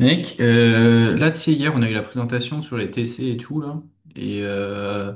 Mec, là, tu sais, hier, on a eu la présentation sur les TC et tout, là. Et, euh,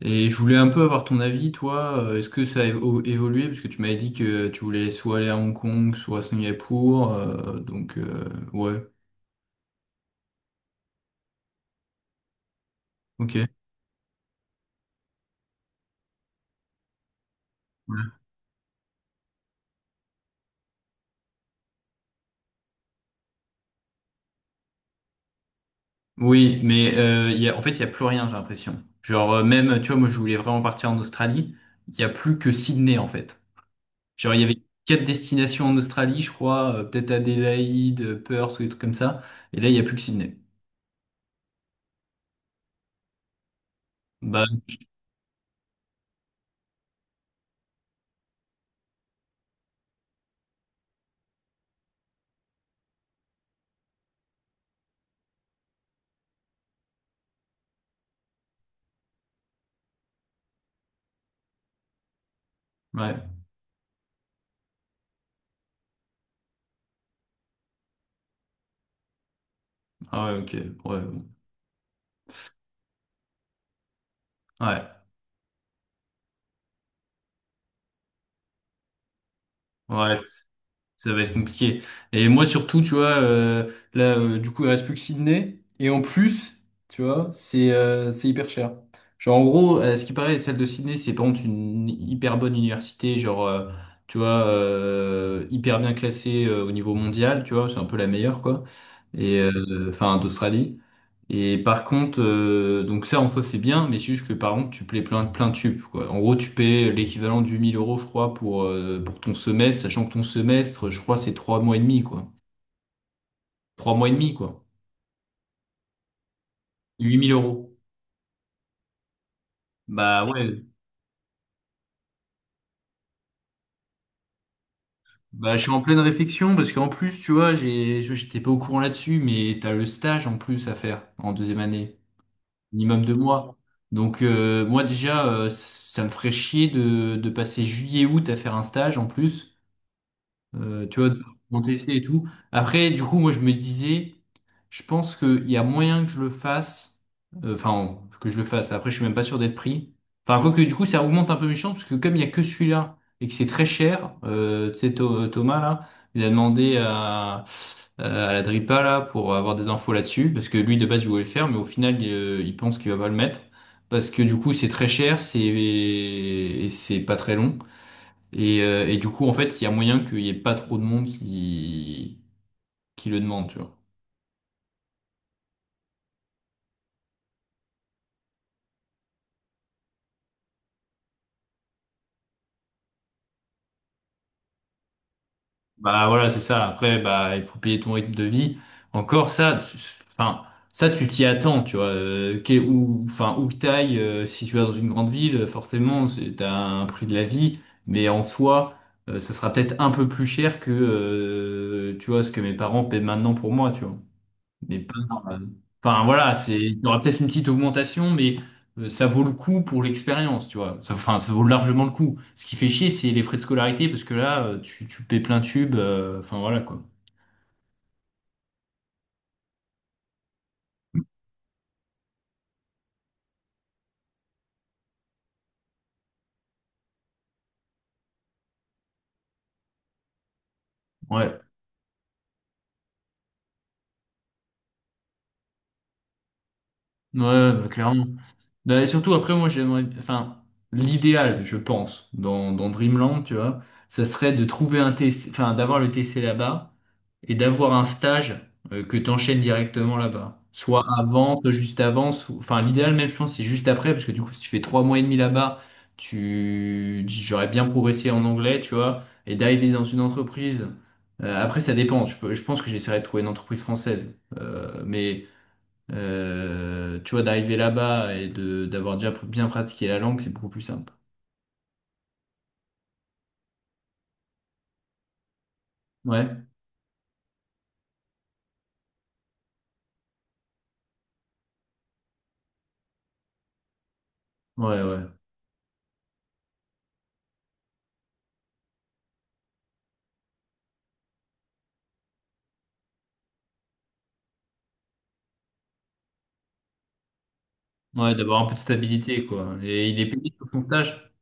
et je voulais un peu avoir ton avis, toi. Est-ce que ça a évolué? Parce que tu m'avais dit que tu voulais soit aller à Hong Kong, soit à Singapour. Donc, ouais, ok. Oui, mais il y a, en fait, il y a plus rien, j'ai l'impression. Genre, même, tu vois, moi, je voulais vraiment partir en Australie. Il y a plus que Sydney, en fait. Genre, il y avait quatre destinations en Australie, je crois. Peut-être Adélaïde, Perth ou des trucs comme ça. Et là, il y a plus que Sydney. Bah, ouais, ah ouais, ok, ouais, bon. Ouais, ouais, ça va être compliqué. Et moi surtout, tu vois, là, du coup, il reste plus que Sydney, et en plus, tu vois, c'est hyper cher. Genre, en gros, ce qui paraît, celle de Sydney, c'est par contre une hyper bonne université, genre, tu vois, hyper bien classée au niveau mondial, tu vois, c'est un peu la meilleure, quoi, et enfin, d'Australie. Et par contre, donc ça en soi c'est bien, mais c'est juste que par contre tu payes plein, plein de tubes, quoi. En gros, tu payes l'équivalent du 1000 euros, je crois, pour ton semestre, sachant que ton semestre, je crois, c'est 3 mois et demi, quoi. 3 mois et demi, quoi. 8000 euros. Bah ouais, bah je suis en pleine réflexion, parce qu'en plus, tu vois, j'étais pas au courant là-dessus, mais t'as le stage en plus à faire en deuxième année, minimum 2 mois. Donc moi déjà, ça me ferait chier de passer juillet-août à faire un stage en plus. Tu vois, de mon TC et tout. Après, du coup, moi, je me disais, je pense qu'il y a moyen que je le fasse, enfin, que je le fasse. Après, je suis même pas sûr d'être pris. Enfin, quoique, du coup, ça augmente un peu mes chances, parce que comme il y a que celui-là, et que c'est très cher, tu sais, Thomas, là, il a demandé à la Dripa, là, pour avoir des infos là-dessus, parce que lui, de base, il voulait le faire, mais au final, il pense qu'il va pas le mettre. Parce que du coup c'est très cher, c'est et c'est pas très long. Et du coup, en fait, il y a moyen qu'il y ait pas trop de monde qui le demande, tu vois. Bah voilà, c'est ça. Après, bah il faut payer ton rythme de vie. Encore ça, enfin ça tu t'y attends, tu vois. Où, enfin où que t'ailles, si tu vas dans une grande ville, forcément, c'est t'as un prix de la vie, mais en soi, ça sera peut-être un peu plus cher que tu vois ce que mes parents paient maintenant pour moi, tu vois. Mais pas. euh, Enfin voilà, c'est il y aura peut-être une petite augmentation, mais ça vaut le coup pour l'expérience, tu vois. Enfin, ça vaut largement le coup. Ce qui fait chier, c'est les frais de scolarité, parce que là, tu paies plein tube. Enfin voilà quoi. Ouais, ouais, bah, clairement. Bah, et surtout après, moi j'aimerais, enfin, l'idéal, je pense, dans Dreamland, tu vois, ça serait de trouver un TC, enfin, d'avoir le TC là-bas et d'avoir un stage que tu enchaînes directement là-bas. Soit avant, soit juste avant, enfin l'idéal même je pense c'est juste après, parce que du coup si tu fais 3 mois et demi là-bas, tu j'aurais bien progressé en anglais, tu vois, et d'arriver dans une entreprise. Après ça dépend, je pense que j'essaierai de trouver une entreprise française. Mais tu vois, d'arriver là-bas et de d'avoir déjà bien pratiqué la langue, c'est beaucoup plus simple. Ouais, ouais, ouais. Ouais, d'avoir un peu de stabilité, quoi. Et il est payé sur son stage.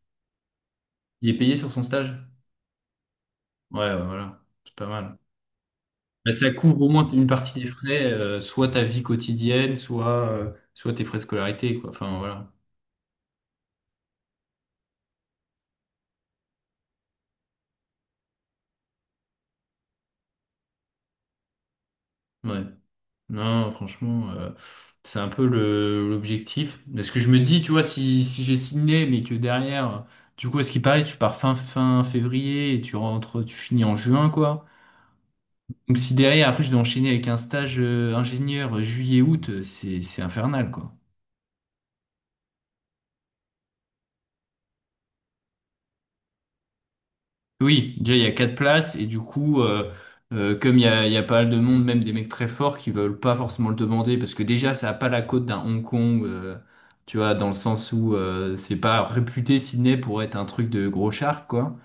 Il est payé sur son stage. Ouais, ouais, voilà, c'est pas mal. Bah, ça couvre au moins une partie des frais, soit ta vie quotidienne, soit tes frais de scolarité, quoi. Enfin, voilà. Ouais. Non, franchement, c'est un peu l'objectif. Parce que je me dis, tu vois, si j'ai signé, mais que derrière, du coup, à ce qui paraît, tu pars fin février et tu rentres, tu finis en juin, quoi. Donc, si derrière, après, je dois enchaîner avec un stage, ingénieur juillet-août, c'est infernal, quoi. Oui, déjà il y a quatre places et du coup, comme il y a pas mal de monde, même des mecs très forts qui veulent pas forcément le demander parce que déjà ça a pas la cote d'un Hong Kong, tu vois, dans le sens où c'est pas réputé Sydney pour être un truc de gros char quoi.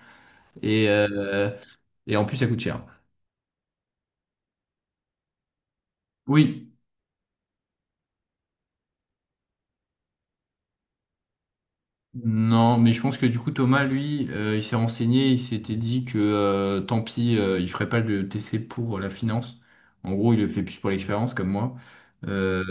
Et, euh, et en plus ça coûte cher. Oui. Non, mais je pense que du coup Thomas, lui, il s'est renseigné, il s'était dit que tant pis, il ferait pas le TC pour la finance. En gros, il le fait plus pour l'expérience, comme moi. Euh,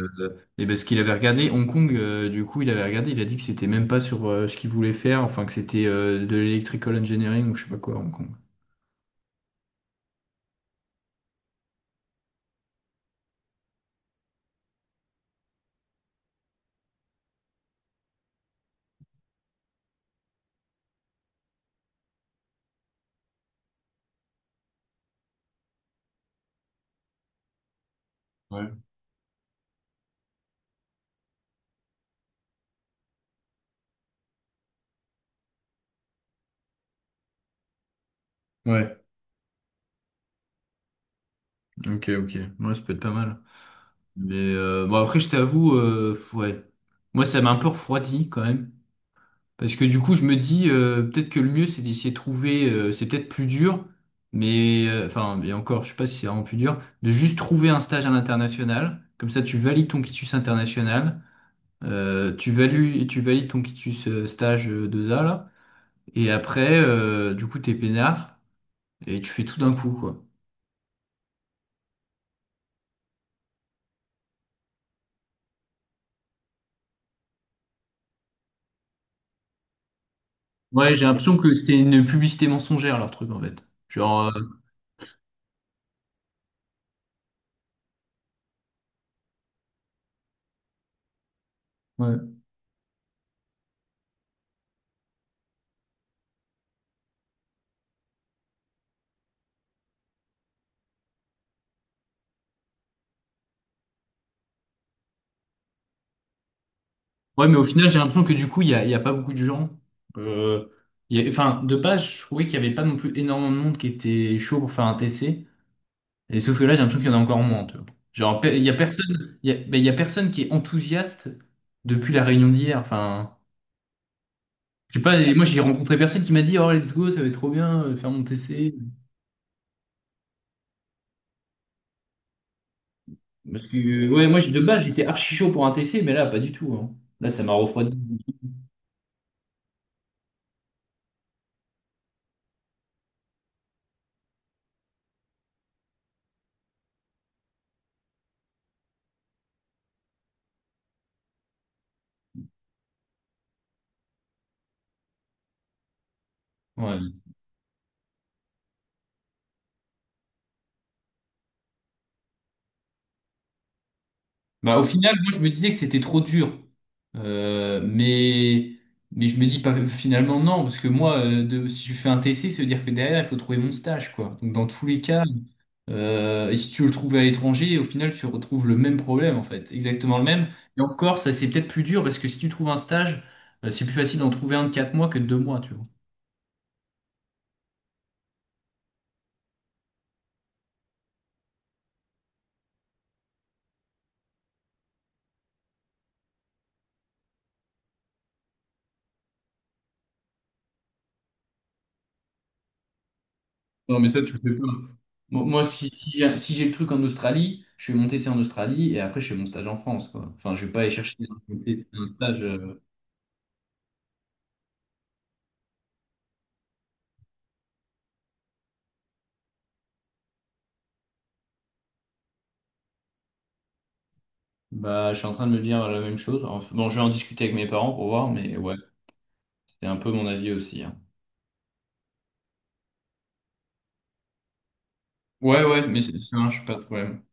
et parce qu'il avait regardé Hong Kong, du coup, il avait regardé, il a dit que c'était même pas sur ce qu'il voulait faire, enfin que c'était de l'electrical engineering ou je sais pas quoi à Hong Kong. Ouais. Ouais. Ok, ok. Moi, ça peut être pas mal. Mais bon, après, je t'avoue, ouais. Moi, ça m'a un peu refroidi quand même. Parce que du coup, je me dis, peut-être que le mieux, c'est d'essayer de trouver, c'est peut-être plus dur, mais enfin, et encore, je sais pas si c'est vraiment plus dur, de juste trouver un stage à l'international. Comme ça, tu valides ton quitus international, tu valides ton quitus stage 2A, là, et après, du coup, t'es peinard, et tu fais tout d'un coup, quoi. Ouais, j'ai l'impression que c'était une publicité mensongère, leur truc, en fait. Genre, ouais. Ouais, mais au final, j'ai l'impression que du coup, il y a pas beaucoup de gens. Euh, enfin, de base, je trouvais qu'il y avait pas non plus énormément de monde qui était chaud pour faire un TC. Et sauf que là, j'ai l'impression qu'il y en a encore moins, tu vois. Genre, il y a personne, ben, il y a personne qui est enthousiaste depuis la réunion d'hier. Enfin, je sais pas, et moi, j'ai rencontré personne qui m'a dit, oh, let's go, ça va être trop bien, faire mon TC. Parce que, ouais, moi, de base, j'étais archi chaud pour un TC, mais là, pas du tout, hein. Là, ça m'a refroidi. Ouais. Bah, au final, moi, je me disais que c'était trop dur. Euh, mais, mais je me dis pas, finalement, non, parce que moi, si je fais un TC, ça veut dire que derrière, il faut trouver mon stage, quoi. Donc, dans tous les cas, et si tu veux le trouves à l'étranger, au final, tu retrouves le même problème, en fait. Exactement le même. Et encore, ça, c'est peut-être plus dur, parce que si tu trouves un stage, c'est plus facile d'en trouver un de 4 mois que de 2 mois, tu vois. Non, mais ça, tu le fais pas. Moi, si j'ai le truc en Australie, je vais monter ça en Australie et après, je fais mon stage en France, quoi. Enfin, je vais pas aller chercher un un stage. Bah, je suis en train de me dire la même chose. Enfin, bon, je vais en discuter avec mes parents pour voir, mais ouais, c'est un peu mon avis aussi, hein. Ouais, ouais, mais c'est ça marche, pas de problème.